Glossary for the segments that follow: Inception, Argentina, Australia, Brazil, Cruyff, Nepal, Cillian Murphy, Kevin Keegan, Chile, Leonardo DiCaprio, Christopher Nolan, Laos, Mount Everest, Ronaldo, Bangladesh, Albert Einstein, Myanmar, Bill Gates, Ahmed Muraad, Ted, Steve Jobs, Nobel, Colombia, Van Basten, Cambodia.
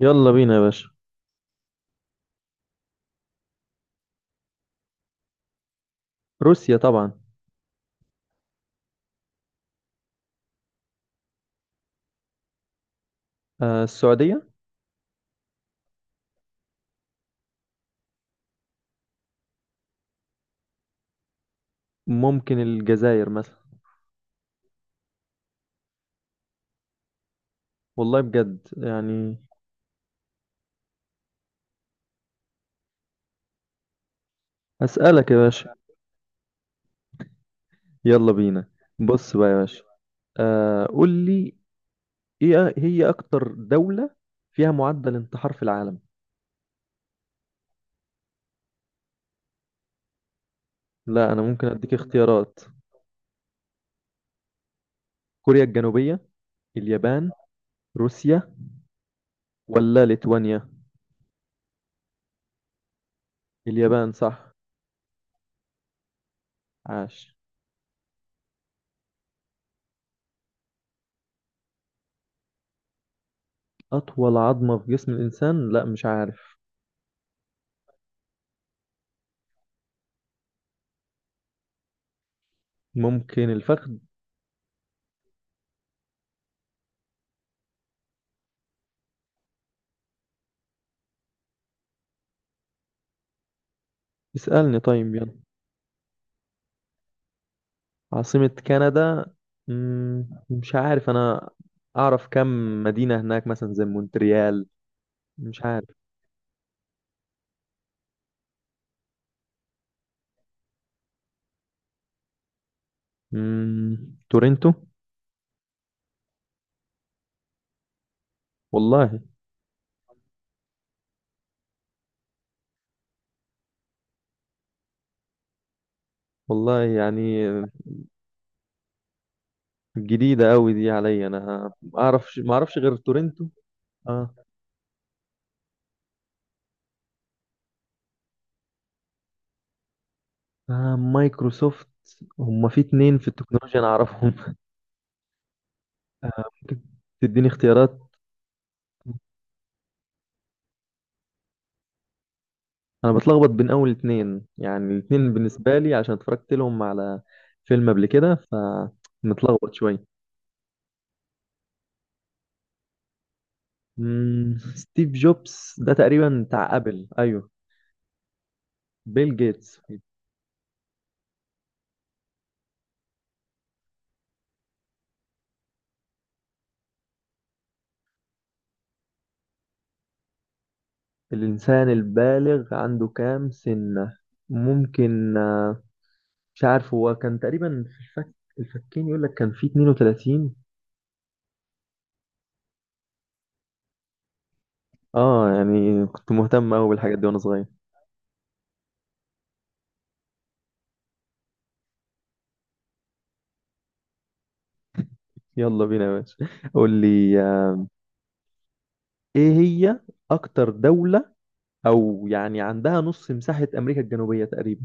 يلا بينا يا باشا. روسيا طبعا. آه، السعودية. ممكن الجزائر مثلا. والله بجد يعني. أسألك يا باشا. يلا بينا. بص بقى يا باشا. قول لي، ايه هي أكتر دولة فيها معدل انتحار في العالم؟ لا، أنا ممكن أديك اختيارات. كوريا الجنوبية، اليابان، روسيا، ولا ليتوانيا؟ اليابان صح. عاش. أطول عظمة في جسم الإنسان، لا مش عارف. ممكن الفخذ. اسألني طيب، يلا. عاصمة كندا، مش عارف أنا. أعرف كم مدينة هناك مثلا زي مونتريال. مش عارف. مم، تورنتو. والله. والله يعني. جديدة أوي دي عليا أنا. ما أعرفش غير تورنتو. آه. مايكروسوفت، هما في اتنين في التكنولوجيا أنا أعرفهم. ممكن تديني اختيارات. أنا بتلخبط بين أول اتنين، يعني الاتنين بالنسبة لي عشان اتفرجت لهم على فيلم قبل كده، فمتلخبط شوية. ستيف جوبز ده تقريبا بتاع ابل، ايوه. بيل جيتس. الانسان البالغ عنده كام سنة؟ ممكن مش عارف، هو كان تقريبا في الفك، الفكين يقول لك كان في 32. اه، يعني كنت مهتم قوي بالحاجات دي وانا صغير. يلا بينا يا باشا. قول لي ايه هي اكتر دولة او يعني عندها نص مساحة امريكا الجنوبية تقريبا؟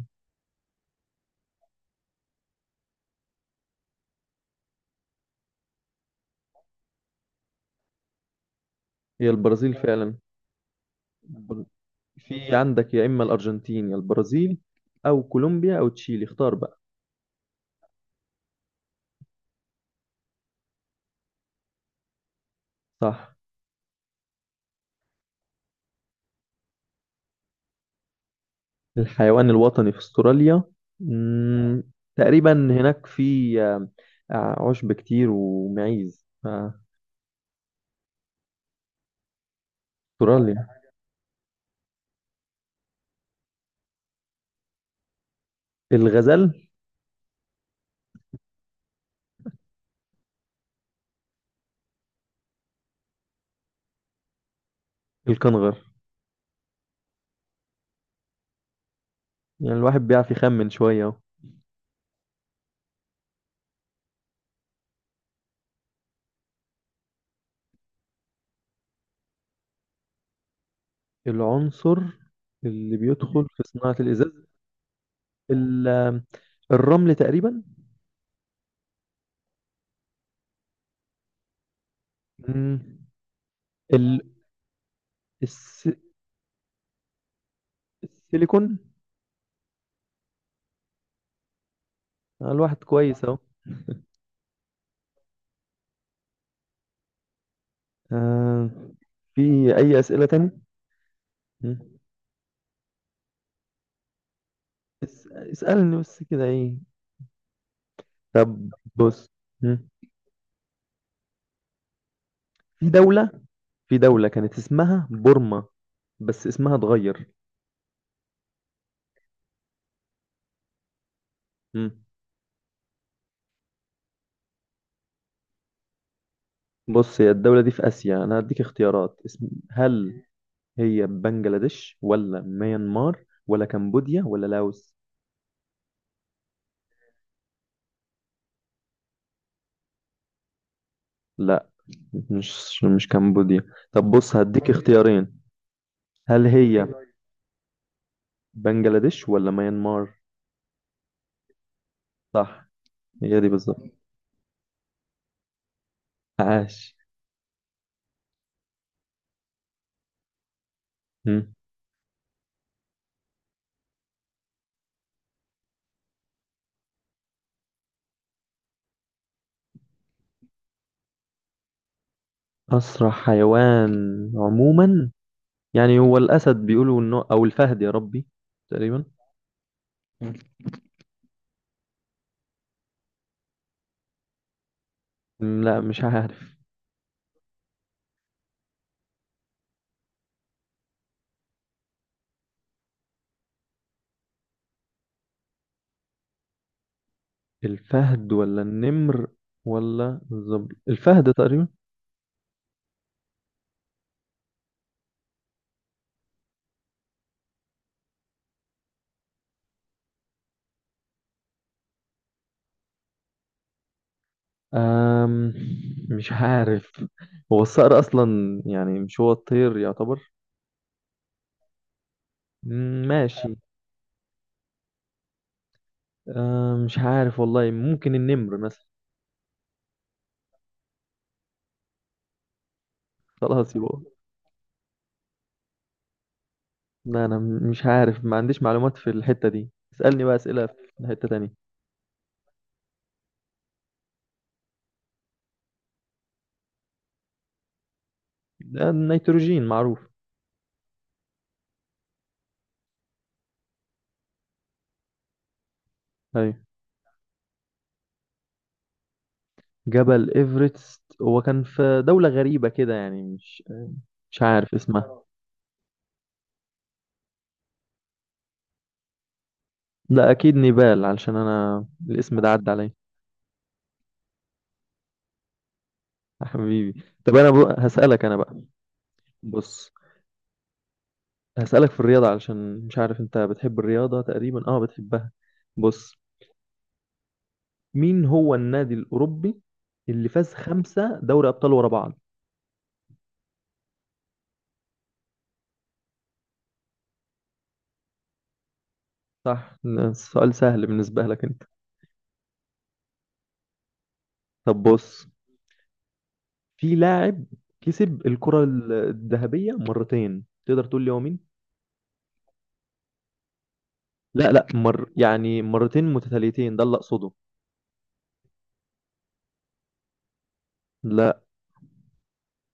هي البرازيل فعلا. في عندك يا إما الأرجنتين يا البرازيل أو كولومبيا أو تشيلي، اختار بقى. صح. الحيوان الوطني في أستراليا، مم، تقريبا هناك في عشب كتير ومعيز أستراليا. الغزال. الكنغر. يعني الواحد بيعرف يخمن شوية أهو. العنصر اللي بيدخل في صناعة الإزاز، ال- آه، الرمل تقريبا. مم، ال- الس- السيليكون. الواحد كويس أهو. آه. في أي أسئلة تاني؟ مم. اسألني بس كده، إيه؟ طب بص. مم. في دولة، كانت اسمها بورما بس اسمها اتغير. مم. بص، هي الدولة دي في آسيا، أنا هديك اختيارات اسم، هل هي بنجلاديش ولا ميانمار ولا كمبوديا ولا لاوس؟ لا، مش كمبوديا. طب بص، هديك اختيارين، هل هي بنجلاديش ولا ميانمار؟ صح، هي دي بالظبط. عاش. أسرع حيوان عموما، يعني هو الأسد بيقولوا إنه أو الفهد، يا ربي، تقريبا. مم. م، لا مش عارف. الفهد ولا النمر ولا الظبي، الفهد تقريبا. أم مش عارف، هو الصقر أصلا يعني، مش هو الطير يعتبر. م، ماشي. مش عارف والله، ممكن النمر مثلا. خلاص يبقى، لا أنا مش عارف، ما عنديش معلومات في الحتة دي، اسألني بقى أسئلة في حتة تانية. ده النيتروجين معروف. أيوة. جبل إيفرست هو كان في دولة غريبة كده يعني، مش عارف اسمها. لا أكيد نيبال، علشان أنا الاسم ده عدى عليا. يا حبيبي، طب أنا بقى هسألك أنا بقى. بص، هسألك في الرياضة، علشان مش عارف أنت بتحب الرياضة، تقريبا أه بتحبها. بص، مين هو النادي الأوروبي اللي فاز 5 دوري أبطال ورا بعض؟ صح، السؤال سهل بالنسبة لك أنت. طب بص، في لاعب كسب الكرة الذهبية مرتين، تقدر تقول لي هو مين؟ لا، لا، يعني مرتين متتاليتين ده اللي اقصده. لا،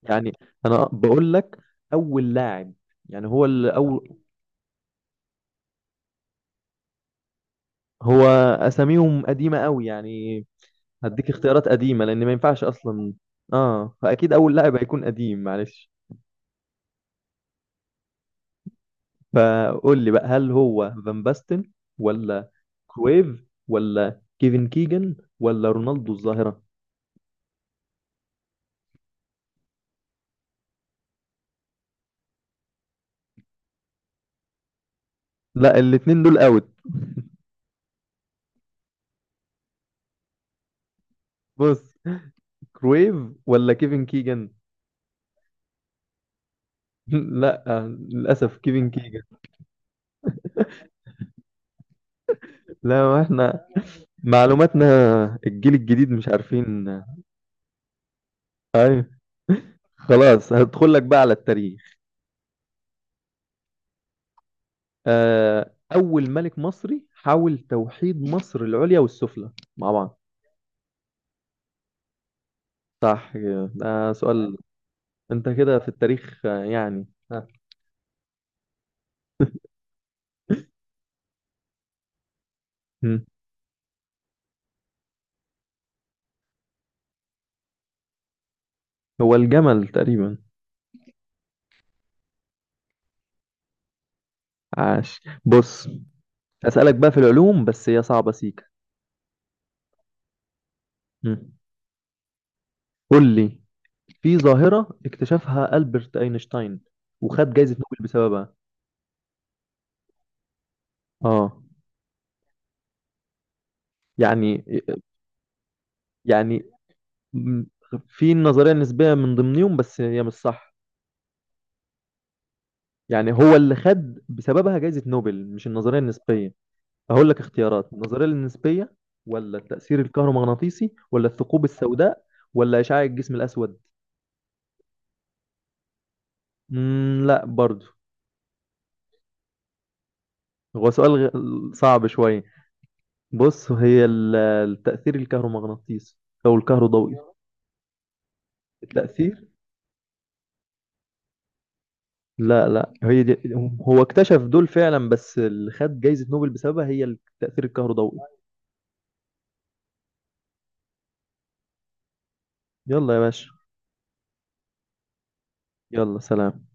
يعني انا بقول لك اول لاعب، يعني هو اللي اول، هو اساميهم قديمه قوي يعني. هديك اختيارات قديمه لان ما ينفعش اصلا. اه، فاكيد اول لاعب هيكون قديم، معلش. فقول لي بقى، هل هو فان باستن ولا كرويف ولا كيفن كيجن ولا رونالدو الظاهره؟ لا الاتنين دول اوت. بص، كرويف ولا كيفن كيجن؟ لا، للاسف كيفن كيجن. لا، ما احنا معلوماتنا الجيل الجديد مش عارفين. ايوه. خلاص، هدخل لك بقى على التاريخ. اول ملك مصري حاول توحيد مصر العليا والسفلى مع بعض؟ صح كده. ده سؤال، انت كده في التاريخ يعني. ها. مم. هو الجمل تقريبا. عاش، بص. اسالك بقى في العلوم بس هي صعبة سيكا. مم. قول لي، في ظاهرة اكتشفها ألبرت أينشتاين وخد جايزة نوبل بسببها. اه. يعني يعني م- في النظرية النسبية من ضمنهم بس هي مش صح. يعني هو اللي خد بسببها جائزة نوبل مش النظرية النسبية. هقول لك اختيارات، النظرية النسبية ولا التأثير الكهرومغناطيسي ولا الثقوب السوداء ولا إشعاع الجسم الأسود. لا برضو. هو سؤال صعب شوية. بص، هي التأثير الكهرومغناطيسي أو الكهروضوئي. التأثير، لا، لا، هي دي. هو اكتشف دول فعلا، بس اللي خد جائزة نوبل بسببها هي التأثير الكهروضوئي. يلا يا باشا. يلا سلام.